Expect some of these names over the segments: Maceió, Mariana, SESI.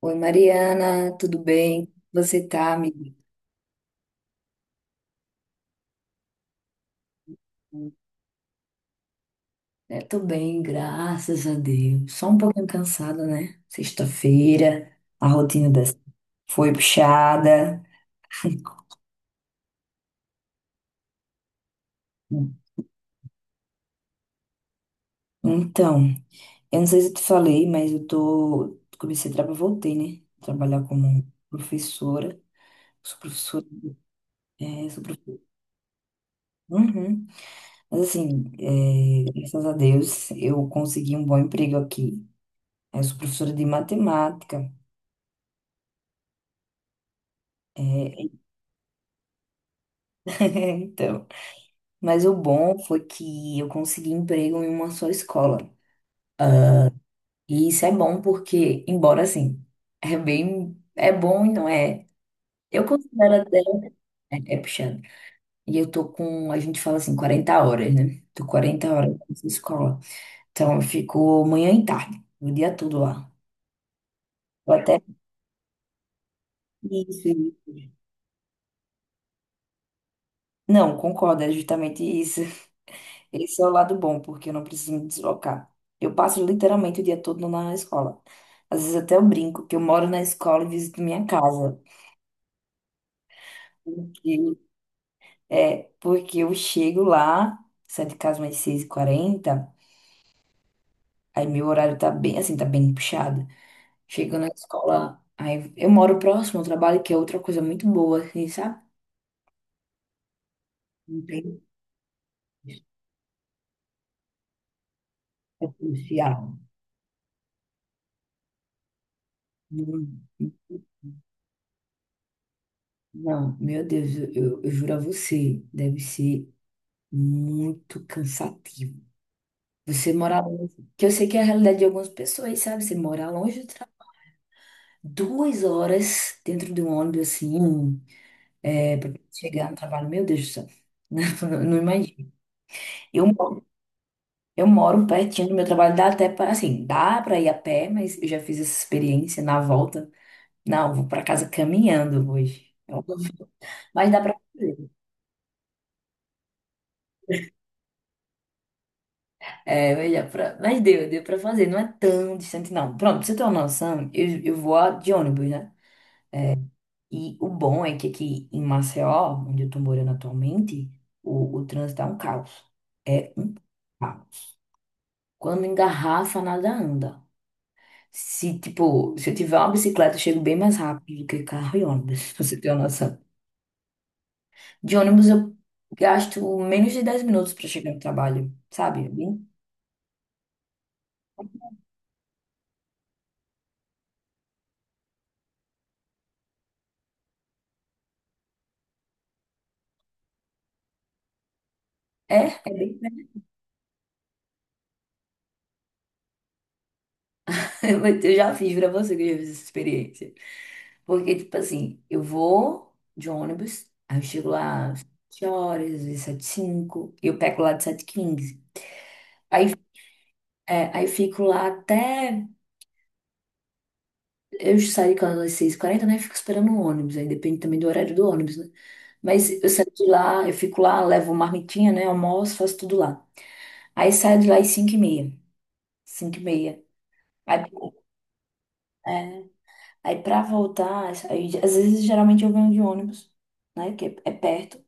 Oi, Mariana, tudo bem? Você tá, amiga? Tô bem, graças a Deus. Só um pouquinho cansada, né? Sexta-feira, a rotina dessa foi puxada. Então, eu não sei se eu te falei, mas eu tô. Comecei a trabalhar, voltei, né? Trabalhar como professora. Sou professora. Sou professora. Uhum. Mas assim, graças a Deus, eu consegui um bom emprego aqui. Eu sou professora de matemática. É, então. Mas o bom foi que eu consegui emprego em uma só escola. E isso é bom porque, embora assim, é bem, é bom e não é. Eu considero até é puxado. E a gente fala assim, 40 horas, né? Tô quarenta horas nessa escola. Então eu fico manhã e tarde, o dia todo lá. Eu até isso. Não, concordo, é justamente isso. Esse é o lado bom, porque eu não preciso me deslocar. Eu passo literalmente o dia todo na escola. Às vezes até eu brinco que eu moro na escola e visito minha casa. Porque, porque eu chego lá, saio de casa mais seis h 40, aí meu horário tá bem, assim, tá bem puxado. Chego na escola, aí eu moro próximo ao trabalho, que é outra coisa muito boa, assim, sabe? Não tem é policial. Não, não, meu Deus, eu juro a você, deve ser muito cansativo. Você morar longe, que eu sei que é a realidade de algumas pessoas, sabe? Você morar longe do trabalho, duas horas dentro de um ônibus assim, para chegar no trabalho, meu Deus do céu, não, não imagino. Eu, mo- eu moro pertinho do meu trabalho, dá até para, assim, dá para ir a pé, mas eu já fiz essa experiência na volta. Não, vou para casa caminhando hoje. Eu- Mas dá para fazer. É, mas, dá pra- mas deu, deu para fazer, não é tão distante, não. Pronto, pra você ter uma noção, eu vou de ônibus, né? E o bom é que aqui em Maceió, onde eu tô morando atualmente, o trânsito é um caos. É caos. Quando engarrafa, nada anda. Se, tipo, se eu tiver uma bicicleta, eu chego bem mais rápido do que carro e ônibus, pra você ter uma noção. De ônibus, eu gasto menos de 10 minutos pra chegar no trabalho, sabe? É, bem- é é bem Eu já fiz pra você que eu já fiz essa experiência. Porque, tipo assim, eu vou de ônibus, aí eu chego lá às 7 horas, às vezes 7 5, e eu pego lá de 7:15. É, aí fico lá até. Eu saio de casa às 6:40, né? Fico esperando o ônibus, aí depende também do horário do ônibus, né? Mas eu saio de lá, eu fico lá, levo marmitinha, né? Almoço, faço tudo lá. Aí saio de lá às cinco e meia cinco e meia. Aí, é, Aí pra voltar, aí, às vezes geralmente eu venho de ônibus, né? É perto.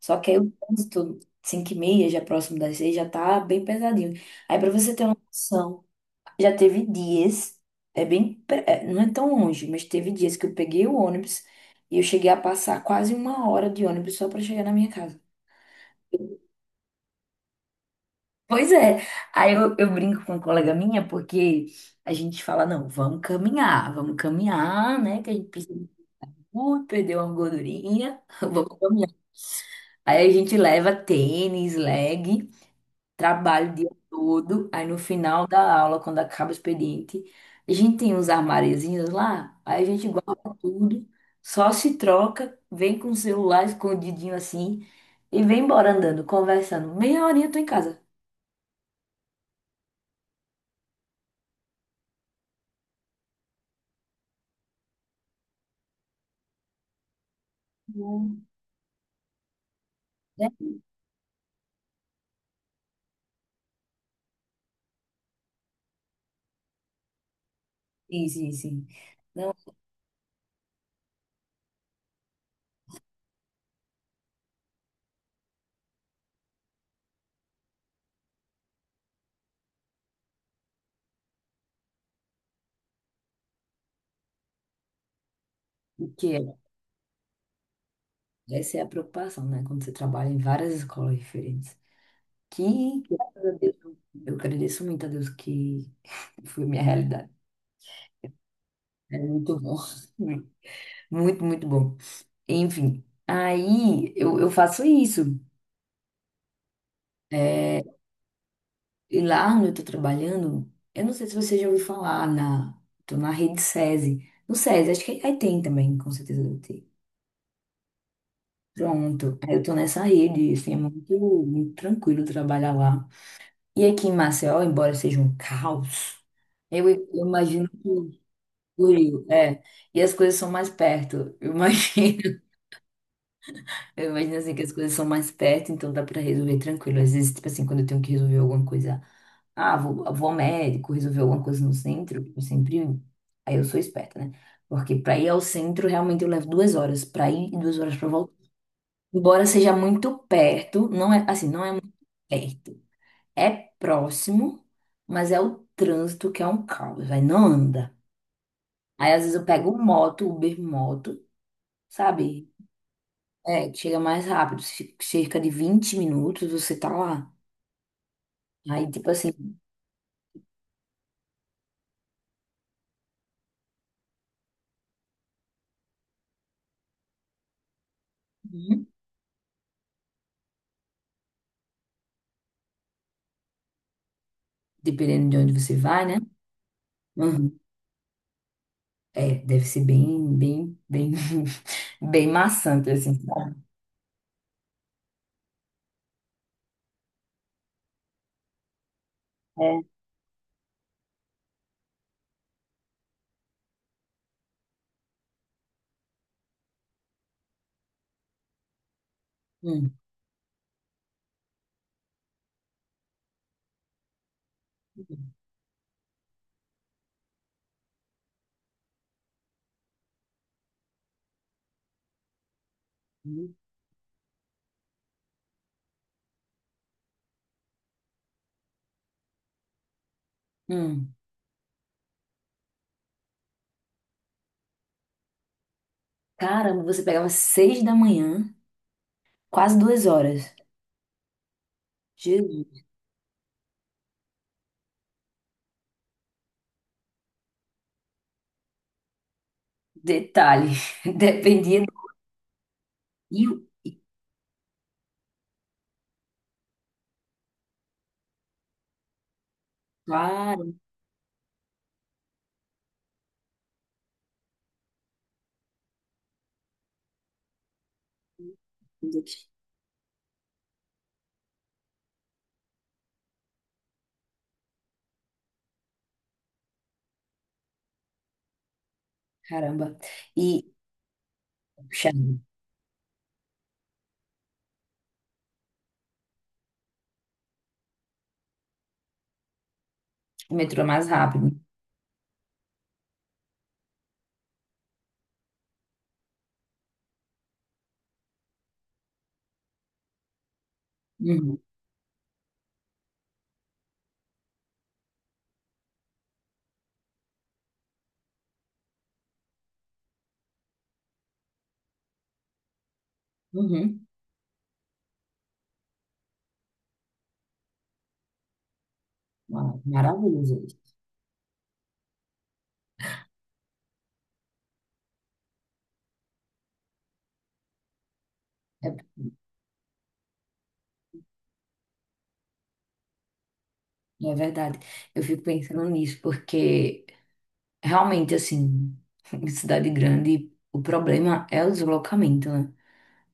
Só que aí o trânsito, 5 e meia, já próximo das 6, já tá bem pesadinho. Aí pra você ter uma noção, já teve dias, não é tão longe, mas teve dias que eu peguei o ônibus e eu cheguei a passar quase uma hora de ônibus só pra chegar na minha casa. Pois é, aí eu brinco com uma colega minha porque a gente fala, não, vamos caminhar, né? Que a gente precisa. Ui, perdeu uma gordurinha, vou caminhar. Aí a gente leva tênis, leg, trabalho o dia todo. Aí no final da aula, quando acaba o expediente, a gente tem uns armáriozinhos lá, aí a gente guarda tudo, só se troca, vem com o celular escondidinho assim e vem embora andando, conversando. Meia horinha eu tô em casa. Hum. É. Sim, sim, sim. Não, porque essa é a preocupação, né? Quando você trabalha em várias escolas diferentes. Que, graças a Deus, eu agradeço muito a Deus que foi minha realidade. É muito bom. Muito, muito bom. Enfim, aí eu faço isso. É. E lá onde eu tô trabalhando, eu não sei se você já ouviu falar na, tô na rede SESI. No SESI, acho que aí tem também, com certeza deve ter. Pronto, aí eu tô nessa rede, assim, é muito, muito tranquilo trabalhar lá. E aqui em Maceió, embora seja um caos, eu imagino que Fluiu, é. E as coisas são mais perto. Eu imagino, eu imagino assim que as coisas são mais perto, então dá pra resolver tranquilo. Às vezes, tipo assim, quando eu tenho que resolver alguma coisa, ah, vou ao médico, resolver alguma coisa no centro, eu sempre. Aí eu sou esperta, né? Porque pra ir ao centro, realmente eu levo duas horas pra ir e duas horas pra voltar. Embora seja muito perto, não é assim, não é muito perto. É próximo, mas é o trânsito que é um caos, vai, não anda. Aí às vezes eu pego moto, Uber moto, sabe? É, que chega mais rápido, cerca de 20 minutos você tá lá. Aí, tipo assim, uhum, dependendo de onde você vai, né? Uhum. É, deve ser bem, bem, bem maçante, assim. É. Hum. Uhum. Hum. Caramba, você pegava seis da manhã, quase duas horas. Jesus. Detalhe, dependia do rio. E, claro, meu Deus. Caramba. E, puxa, o metrô é mais rápido. Uhum. Uhum. Ah, maravilhoso. Isso. É. É verdade. Eu fico pensando nisso, porque realmente, assim, em cidade grande, o problema é o deslocamento, né?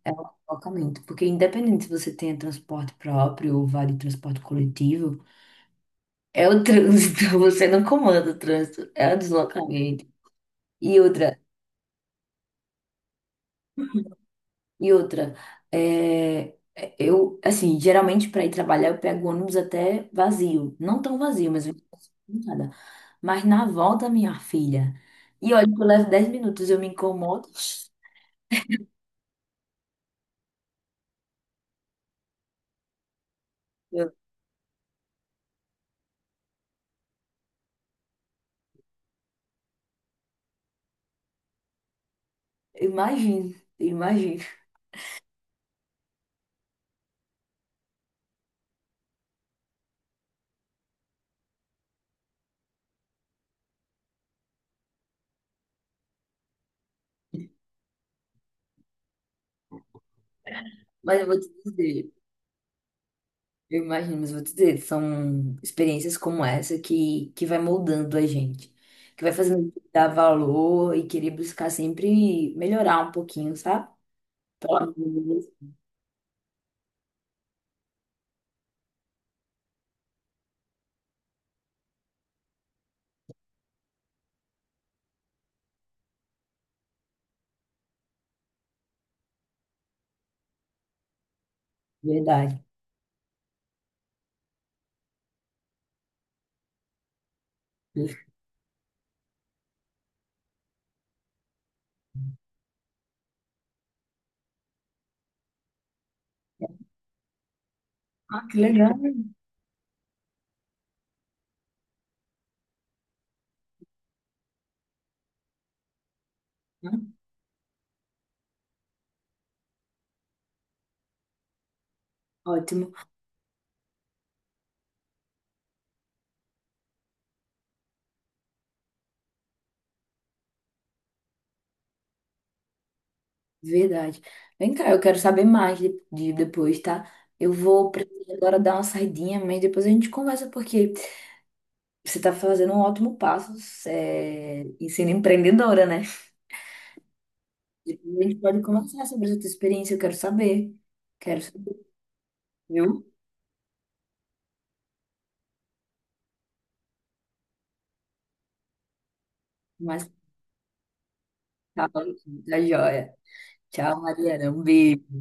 É o deslocamento. Porque independente se você tenha transporte próprio ou vá de transporte coletivo, é o trânsito, você não comanda o trânsito, é o deslocamento. E outra, E outra, eu, assim, geralmente para ir trabalhar eu pego ônibus até vazio. Não tão vazio, mas eu não consigo nada. Mas na volta, minha filha. E olha, que eu levo 10 minutos, eu me incomodo. Eu imagino, imagino. Mas eu vou te dizer, eu imagino, mas eu vou te dizer, são experiências como essa que vai moldando a gente. Que vai fazendo a gente dar valor e querer buscar sempre melhorar um pouquinho, sabe? Pelo amor de Deus. Verdade. Ah, que legal. Hum. Ótimo, verdade. Vem cá, eu quero saber mais de depois, tá? Eu vou precisar agora dar uma saidinha, mas depois a gente conversa, porque você tá fazendo um ótimo passo, é, em sendo empreendedora, né? Depois a gente pode conversar sobre essa tua experiência, eu quero saber. Quero saber, viu? Mas tá, tá joia. Tchau, Mariana. Um beijo.